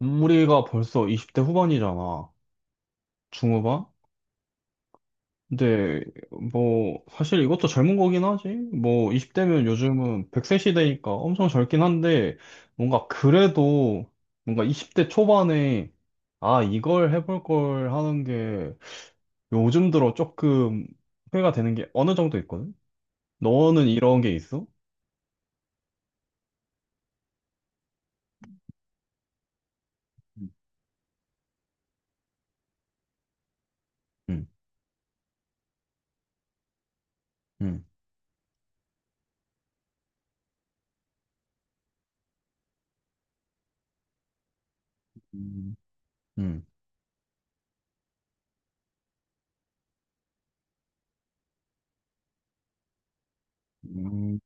우리가 벌써 20대 후반이잖아. 중후반? 근데 뭐 사실 이것도 젊은 거긴 하지. 뭐 20대면 요즘은 1 0세 시대니까 엄청 젊긴 한데 뭔가 그래도 뭔가 20대 초반에 아 이걸 해볼 걸 하는 게 요즘 들어 조금 후회가 되는 게 어느 정도 있거든. 너는 이런 게 있어? 응, 응, 응, 응, 응,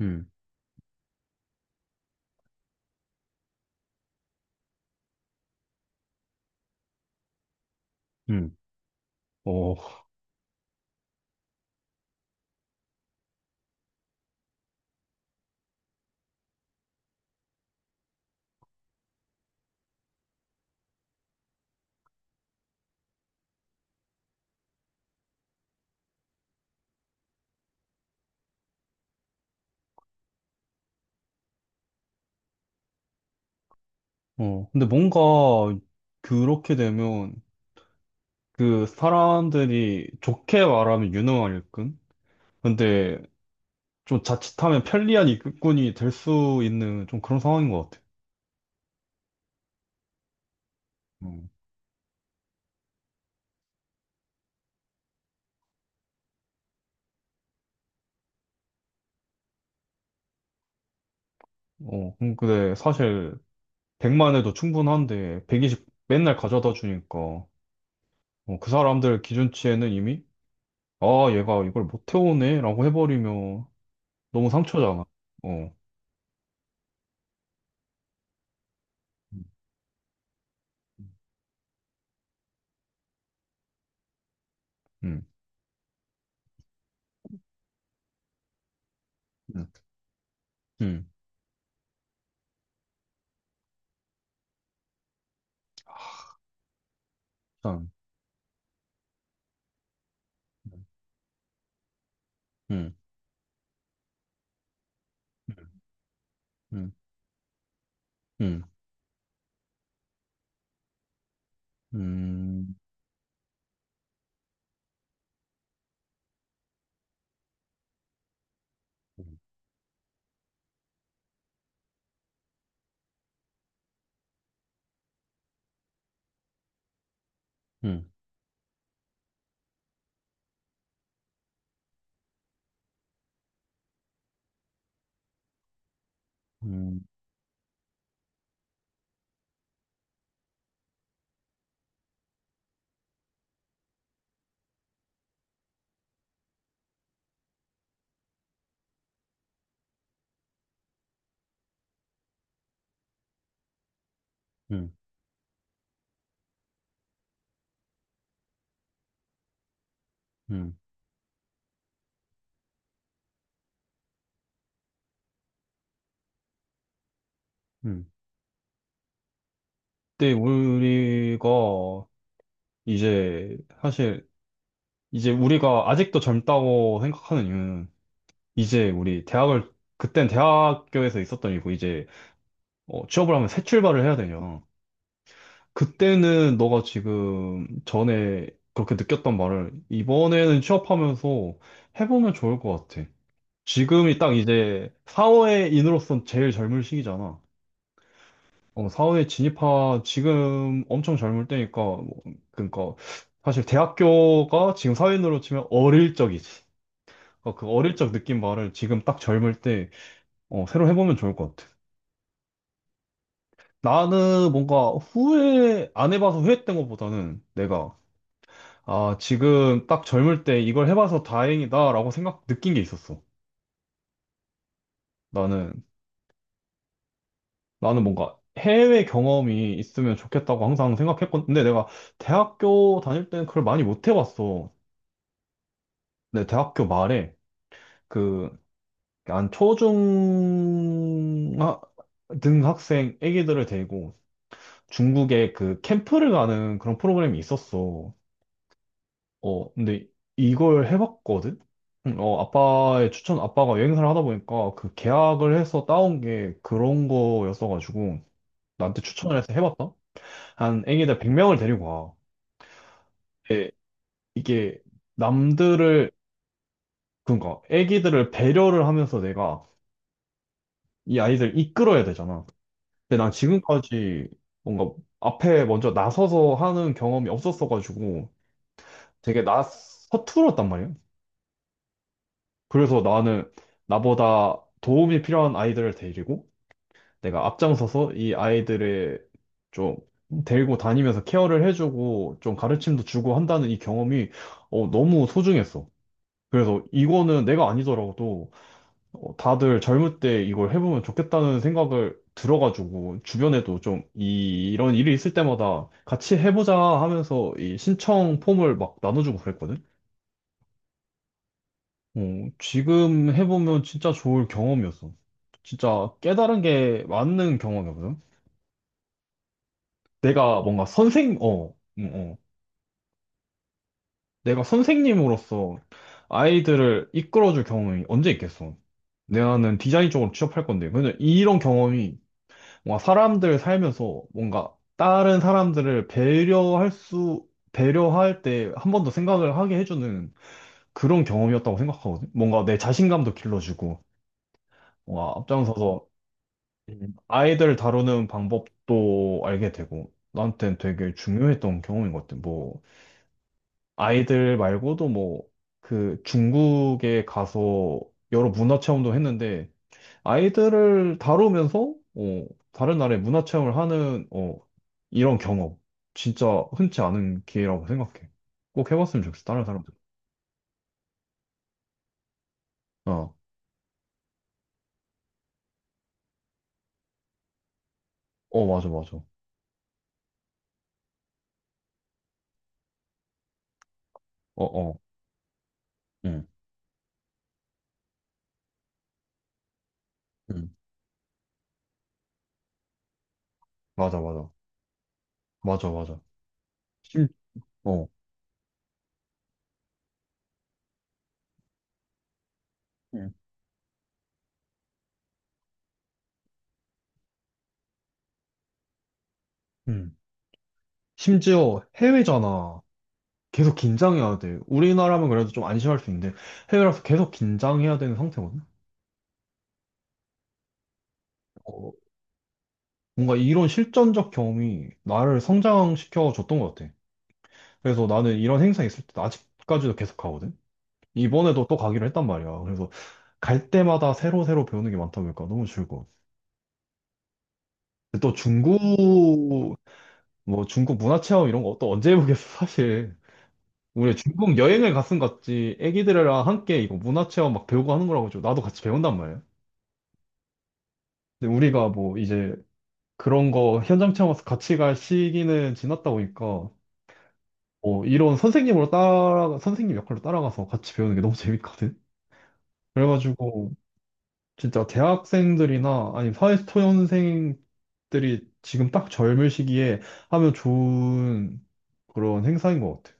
응, 응. 어, 어, 근데 뭔가 그렇게 되면 그 사람들이 좋게 말하면 유능한 일꾼? 근데 좀 자칫하면 편리한 일꾼이 될 수 있는 좀 그런 상황인 것 같아. 음. 어, 근데 사실 100만 해도 충분한데 120 맨날 가져다 주니까 어, 그 사람들 기준치에는 이미 아, 얘가 이걸 못 해오네 라고 해버리면 너무 상처잖아. 어, 음. 음, 음. 음, 참. 음, 음, 음. 음, 음, 음, 음, 음, 음, 음. 근데 우리가 이제 사실 이제 우리가 아직도 젊다고 생각하는 이유는 이제 우리 대학을 그땐 대학교에서 있었던 일이고 이제 어, 취업을 하면 새 출발을 해야 되냐. 그때는 너가 지금 전에 그렇게 느꼈던 말을 이번에는 취업하면서 해보면 좋을 것 같아. 지금이 딱 이제 사회인으로서 제일 젊은 시기잖아. 어, 사회에 진입하, 지금 엄청 젊을 때니까, 뭐, 그러니까, 사실 대학교가 지금 사회인으로 치면 어릴 적이지. 그러니까 그 어릴 적 느낀 말을 지금 딱 젊을 때, 어, 새로 해보면 좋을 것 같아. 나는 뭔가 후회, 안 해봐서 후회했던 것보다는 내가, 아, 지금 딱 젊을 때 이걸 해봐서 다행이다라고 생각, 느낀 게 있었어. 나는, 나는 뭔가 해외 경험이 있으면 좋겠다고 항상 생각했건, 근데 내가 대학교 다닐 때는 그걸 많이 못 해봤어. 네, 대학교 말에 그 한 초중 등 학생 애기들을 데리고 중국에 그 캠프를 가는 그런 프로그램이 있었어. 어, 근데 이걸 해봤거든? 응, 어, 아빠의 추천, 아빠가 여행사를 하다 보니까 그 계약을 해서 따온 게 그런 거였어가지고 나한테 추천을 해서 해봤다? 한 애기들 100명을 데리고 와. 예, 이게 남들을, 그러니까 애기들을 배려를 하면서 내가 이 아이들 이끌어야 되잖아. 근데 난 지금까지 뭔가 앞에 먼저 나서서 하는 경험이 없었어가지고 되게 나 서툴었단 말이야. 그래서 나는 나보다 도움이 필요한 아이들을 데리고 내가 앞장서서 이 아이들을 좀 데리고 다니면서 케어를 해주고 좀 가르침도 주고 한다는 이 경험이 어, 너무 소중했어. 그래서 이거는 내가 아니더라도 어, 다들 젊을 때 이걸 해보면 좋겠다는 생각을 들어가지고 주변에도 좀 이런 일이 있을 때마다 같이 해보자 하면서 이 신청 폼을 막 나눠주고 그랬거든. 어, 지금 해보면 진짜 좋을 경험이었어. 진짜 깨달은 게 맞는 경험이거든. 내가 뭔가 선생, 어, 어. 내가 선생님으로서 아이들을 이끌어줄 경험이 언제 있겠어. 내가는 디자인 쪽으로 취업할 건데. 왜냐 이런 경험이 뭔가 사람들 살면서 뭔가 다른 사람들을 배려할 때 한 번 더 생각을 하게 해주는 그런 경험이었다고 생각하거든. 뭔가 내 자신감도 길러주고, 뭔가 앞장서서 아이들 다루는 방법도 알게 되고, 나한테는 되게 중요했던 경험인 것 같아. 뭐, 아이들 말고도 뭐, 그 중국에 가서 여러 문화 체험도 했는데, 아이들을 다루면서 어, 다른 나라의 문화 체험을 하는 어, 이런 경험 진짜 흔치 않은 기회라고 생각해. 꼭 해봤으면 좋겠어. 다른 사람들. 어, 어 맞아 맞아. 어 어, 응, 응, 맞아 맞아, 맞아 맞아. 심, 어, 응, 응. 심지어 해외잖아. 계속 긴장해야 돼. 우리나라면 그래도 좀 안심할 수 있는데 해외라서 계속 긴장해야 되는 상태거든. 어, 뭔가 이런 실전적 경험이 나를 성장시켜 줬던 것 같아. 그래서 나는 이런 행사 있을 때 아직까지도 계속 가거든. 이번에도 또 가기로 했단 말이야. 그래서 갈 때마다 새로 새로 배우는 게 많다 보니까 너무 즐거워. 근데 또 중국 뭐 중국 문화 체험 이런 거 또 언제 해보겠어 사실. 우리 중국 여행을 갔음 같지 애기들이랑 함께 이거 문화 체험 막 배우고 하는 거라고 좀 나도 같이 배운단 말이야. 근데 우리가 뭐 이제 그런 거 현장 체험 와서 같이 갈 시기는 지났다 보니까 뭐 이런 선생님으로 따라 선생님 역할로 따라가서 같이 배우는 게 너무 재밌거든. 그래가지고 진짜 대학생들이나 아니 사회초년생들이 지금 딱 젊을 시기에 하면 좋은 그런 행사인 것 같아.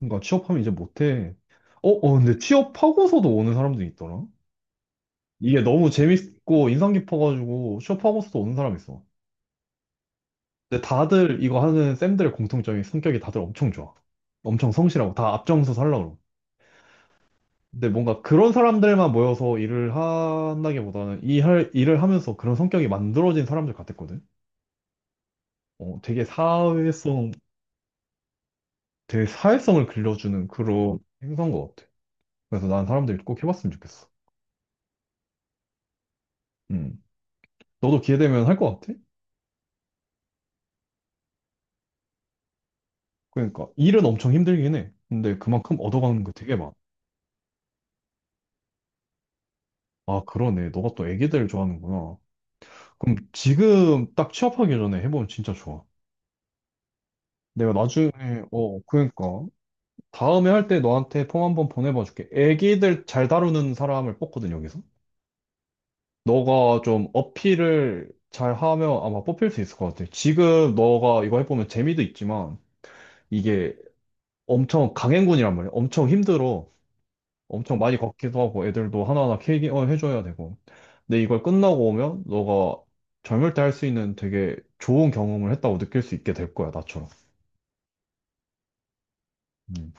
그러니까 취업하면 이제 못해. 어, 어, 근데 취업하고서도 오는 사람들이 있더라. 이게 너무 재밌고 인상 깊어가지고 취업하고서도 오는 사람 있어. 근데 다들 이거 하는 쌤들의 공통점이 성격이 다들 엄청 좋아. 엄청 성실하고 다 앞장서 살라고. 그러고. 근데 뭔가 그런 사람들만 모여서 일을 한다기보다는 일을 하면서 그런 성격이 만들어진 사람들 같았거든. 어, 되게 사회성, 되게 사회성을 길러주는 그런 행사인 것 같아. 그래서 난 사람들이 꼭 해봤으면 좋겠어. 음. 너도 기회 되면 할 것 같아? 그러니까 일은 엄청 힘들긴 해. 근데 그만큼 얻어가는 거 되게 많아. 아, 그러네. 너가 또 애기들 좋아하는구나. 그럼 지금 딱 취업하기 전에 해보면 진짜 좋아. 내가 나중에, 어, 그러니까. 다음에 할 때 너한테 폼 한번 보내봐 줄게. 애기들 잘 다루는 사람을 뽑거든, 여기서. 너가 좀 어필을 잘 하면 아마 뽑힐 수 있을 것 같아. 지금 너가 이거 해보면 재미도 있지만 이게 엄청 강행군이란 말이야. 엄청 힘들어. 엄청 많이 걷기도 하고 애들도 하나하나 케어해줘야 되고. 근데 이걸 끝나고 오면 너가 젊을 때 할 수 있는 되게 좋은 경험을 했다고 느낄 수 있게 될 거야, 나처럼. 음.